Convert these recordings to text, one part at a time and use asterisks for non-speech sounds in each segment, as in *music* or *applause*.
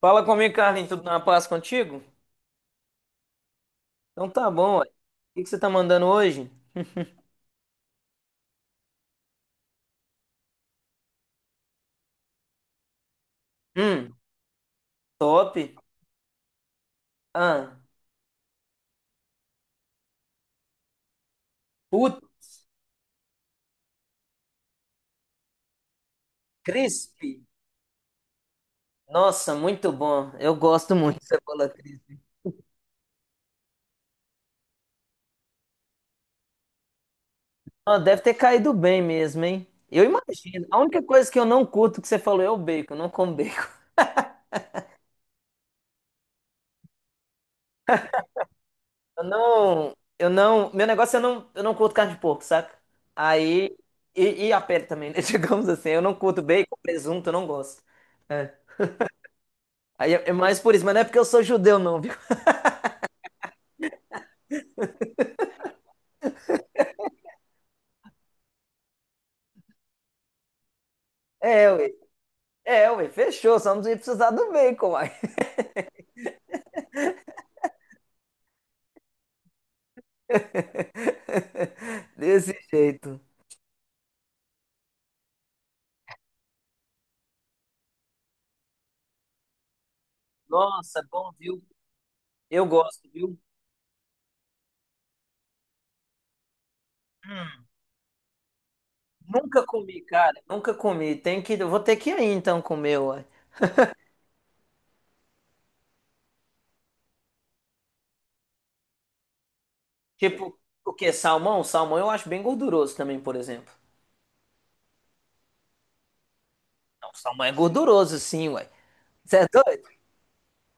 Fala comigo, Carlinhos, tudo na paz contigo? Então tá bom, ué. O que que você tá mandando hoje? Hum, top. Ah, puto, crisp. Nossa, muito bom. Eu gosto muito de cebola crisp. Ó, deve ter caído bem mesmo, hein? Eu imagino. A única coisa que eu não curto que você falou é o bacon. Eu não como bacon. Eu não, meu negócio é eu não curto carne de porco, saca? Aí, e a pele também, né? *laughs* Digamos assim, eu não curto bacon, presunto, eu não gosto. É. Aí é mais por isso, mas não é porque eu sou judeu, não. É, ué. É, ué. Fechou. Só não ia precisar do bacon, uai. *laughs* Desse jeito. Nossa, bom, viu? Eu gosto, viu? Hum, nunca comi, cara. Nunca comi. Tem que, eu vou ter que ir aí, então comer, ué. Tipo, o quê? Salmão? Salmão eu acho bem gorduroso também, por exemplo. Não, salmão é gorduroso, sim, ué. Você é doido?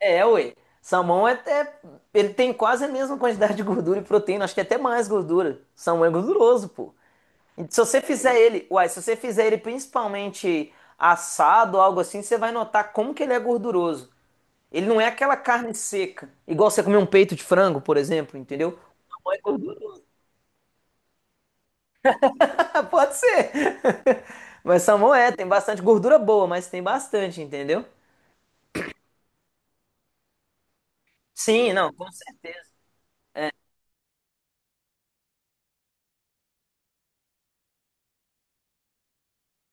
É, ué. Salmão é até. Ele tem quase a mesma quantidade de gordura e proteína. Acho que é até mais gordura. Salmão é gorduroso, pô. E se você fizer ele, uai, se você fizer ele principalmente assado, algo assim, você vai notar como que ele é gorduroso. Ele não é aquela carne seca, igual você comer um peito de frango, por exemplo, entendeu? Não é gorduroso. *laughs* Pode ser. *laughs* Mas salmão é, tem bastante gordura boa, mas tem bastante, entendeu? Sim, não, com certeza.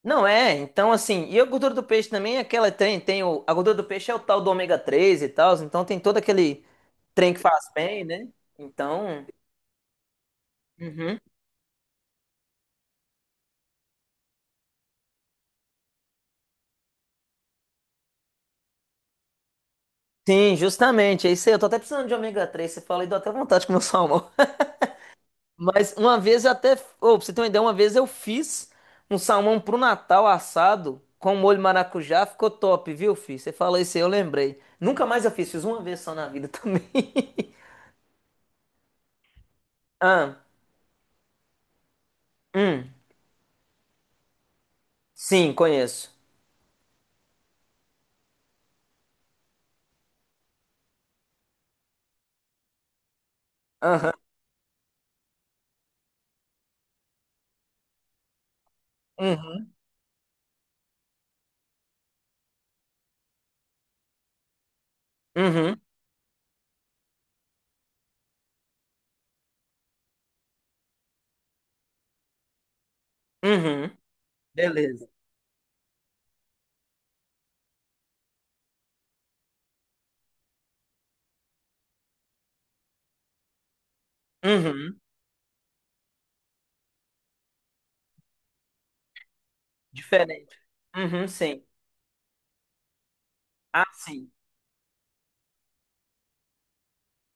Não é, então assim, e a gordura do peixe também é aquela tem o, a gordura do peixe é o tal do ômega 3 e tal, então tem todo aquele trem que faz bem, né? Então, uhum. Sim, justamente, é isso aí. Eu tô até precisando de ômega 3, você fala e dá até vontade de comer um salmão. *laughs* Mas uma vez eu até. Ô, pra você ter uma ideia, uma vez eu fiz um salmão pro Natal assado com molho maracujá, ficou top, viu, filho? Você falou isso aí, eu lembrei. Nunca mais eu fiz, fiz uma vez só na vida também. *laughs* Ah, hum, sim, conheço. Aham, uhum, uhum, uhum, beleza. Uhum, diferente. Uhum, sim. Ah, sim,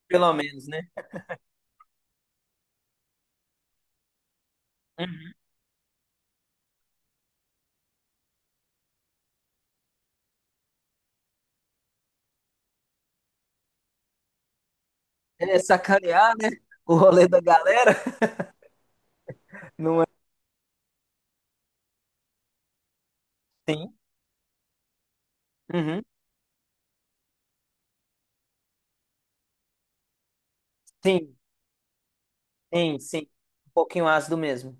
pelo menos, né? Uhum. É sacanear, né? O rolê da galera. *laughs* Não é assim? Uhum. Sim, sim, sim. Um pouquinho ácido mesmo.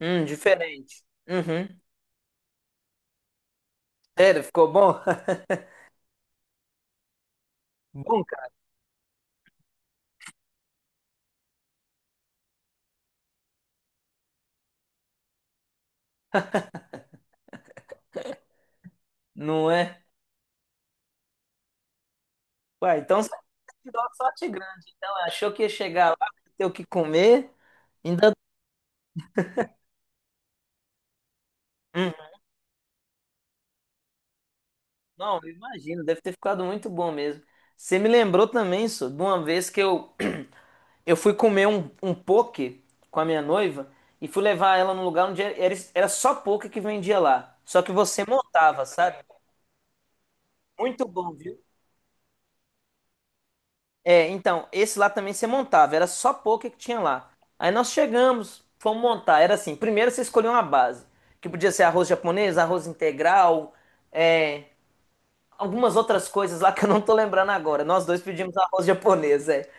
Diferente. Uhum. Sério, ficou bom? *laughs* Bom, cara. Não é? Ué, então você tirou só tigrão. Achou que ia chegar lá, ter o que comer. Ainda. Uhum. Não, eu imagino, deve ter ficado muito bom mesmo. Você me lembrou também, só, de uma vez que eu, *clears throat* eu fui comer um poke com a minha noiva e fui levar ela num lugar onde era só poke que vendia lá. Só que você montava, sabe? Muito bom, viu? É, então, esse lá também você montava, era só poker que tinha lá. Aí nós chegamos, fomos montar. Era assim: primeiro você escolhia uma base, que podia ser arroz japonês, arroz integral, é, algumas outras coisas lá que eu não tô lembrando agora. Nós dois pedimos arroz japonês, é.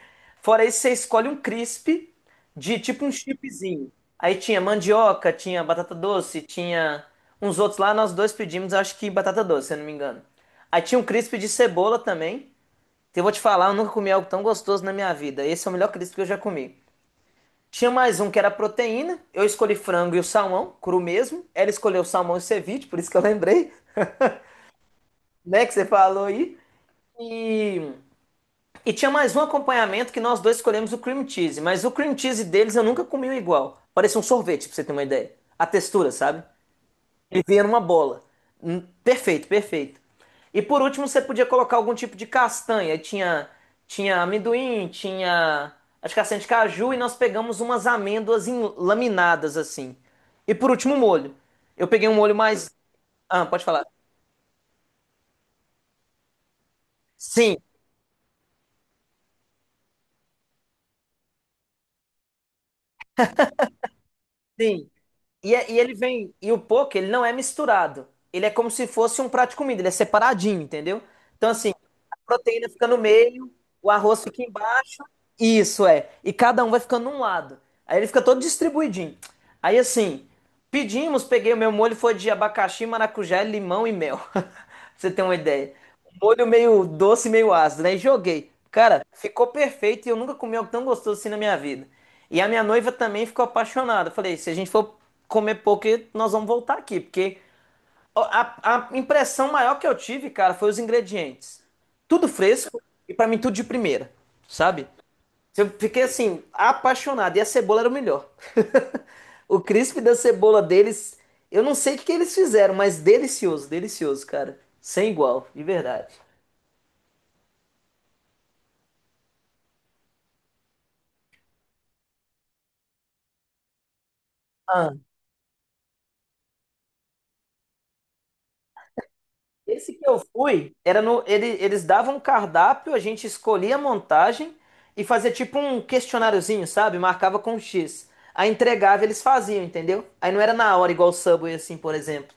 Fora isso, você escolhe um crisp de tipo um chipzinho. Aí tinha mandioca, tinha batata doce, tinha uns outros lá. Nós dois pedimos, acho que batata doce, se eu não me engano. Aí tinha um crisp de cebola também. Então, eu vou te falar, eu nunca comi algo tão gostoso na minha vida. Esse é o melhor crisp que eu já comi. Tinha mais um que era proteína. Eu escolhi frango e o salmão, cru mesmo. Ela escolheu o salmão e o ceviche, por isso que eu lembrei, *laughs* né, que você falou aí. E, e tinha mais um acompanhamento que nós dois escolhemos o cream cheese, mas o cream cheese deles eu nunca comi um igual. Parecia um sorvete, pra você ter uma ideia. A textura, sabe? Ele vinha numa bola. Perfeito, perfeito. E por último, você podia colocar algum tipo de castanha. Aí tinha, tinha amendoim, tinha as castanhas de caju e nós pegamos umas amêndoas em- laminadas assim. E por último, o molho. Eu peguei um molho mais. Ah, pode falar. Sim, sim. E, é- e ele vem. E o poke, ele não é misturado. Ele é como se fosse um prato de comida. Ele é separadinho, entendeu? Então, assim, a proteína fica no meio, o arroz fica embaixo. Isso é. E cada um vai ficando num lado. Aí ele fica todo distribuidinho. Aí assim, pedimos, peguei o meu molho, foi de abacaxi, maracujá, limão e mel. *laughs* Pra você ter uma ideia. Um molho meio doce, meio ácido, né? E joguei. Cara, ficou perfeito e eu nunca comi algo tão gostoso assim na minha vida. E a minha noiva também ficou apaixonada. Eu falei, se a gente for comer pouco, nós vamos voltar aqui, porque a impressão maior que eu tive, cara, foi os ingredientes. Tudo fresco e pra mim tudo de primeira, sabe? Eu fiquei assim, apaixonado. E a cebola era o melhor. *laughs* O crisp da cebola deles, eu não sei o que que eles fizeram, mas delicioso, delicioso, cara. Sem igual, de verdade. Ah, esse que eu fui, era no, ele- eles davam um cardápio, a gente escolhia a montagem e fazia tipo um questionáriozinho, sabe? Marcava com X. Aí entregava, eles faziam, entendeu? Aí não era na hora, igual o Subway, assim, por exemplo.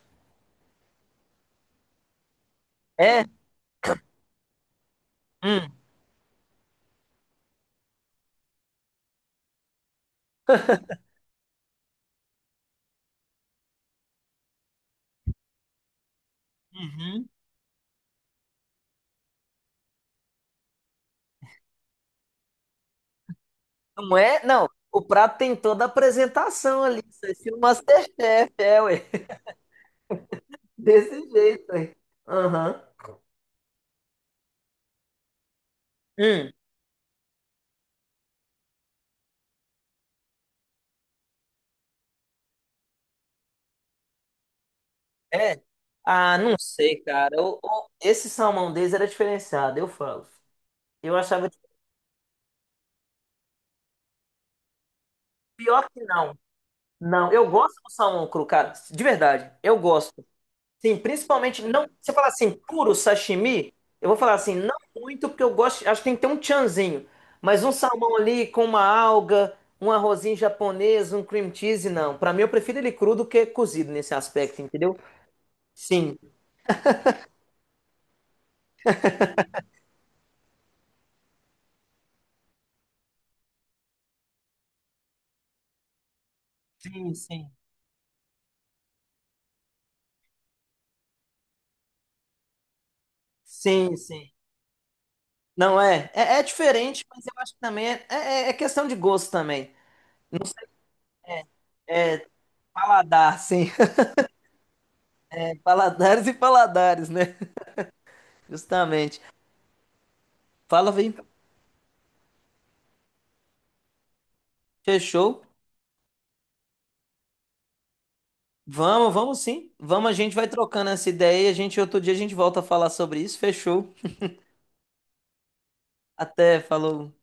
É? Hum. Não é? Não. O prato tem toda a apresentação ali. Isso é filme Masterchef, é, ué. *laughs* Desse jeito, ué. Aham. Hum, é? Ah, não sei, cara. Eu- esse salmão deles era diferenciado, eu falo. Eu achava tipo, pior que não. Não, eu gosto do salmão cru, cara. De verdade, eu gosto. Sim, principalmente não. Você fala assim, puro sashimi, eu vou falar assim, não muito, porque eu gosto. Acho que tem que ter um tchanzinho. Mas um salmão ali com uma alga, um arrozinho japonês, um cream cheese, não. Pra mim, eu prefiro ele cru do que cozido nesse aspecto, entendeu? Sim, sim, sim. Sim, sim. Não é. É, é diferente, mas eu acho que também é questão de gosto também. Não sei, paladar, sim. *laughs* Paladares e paladares, né? *laughs* Justamente. Fala, vem. Fechou. Vamos, vamos sim. Vamos, a gente vai trocando essa ideia e a gente outro dia a gente volta a falar sobre isso. Fechou. Até, falou.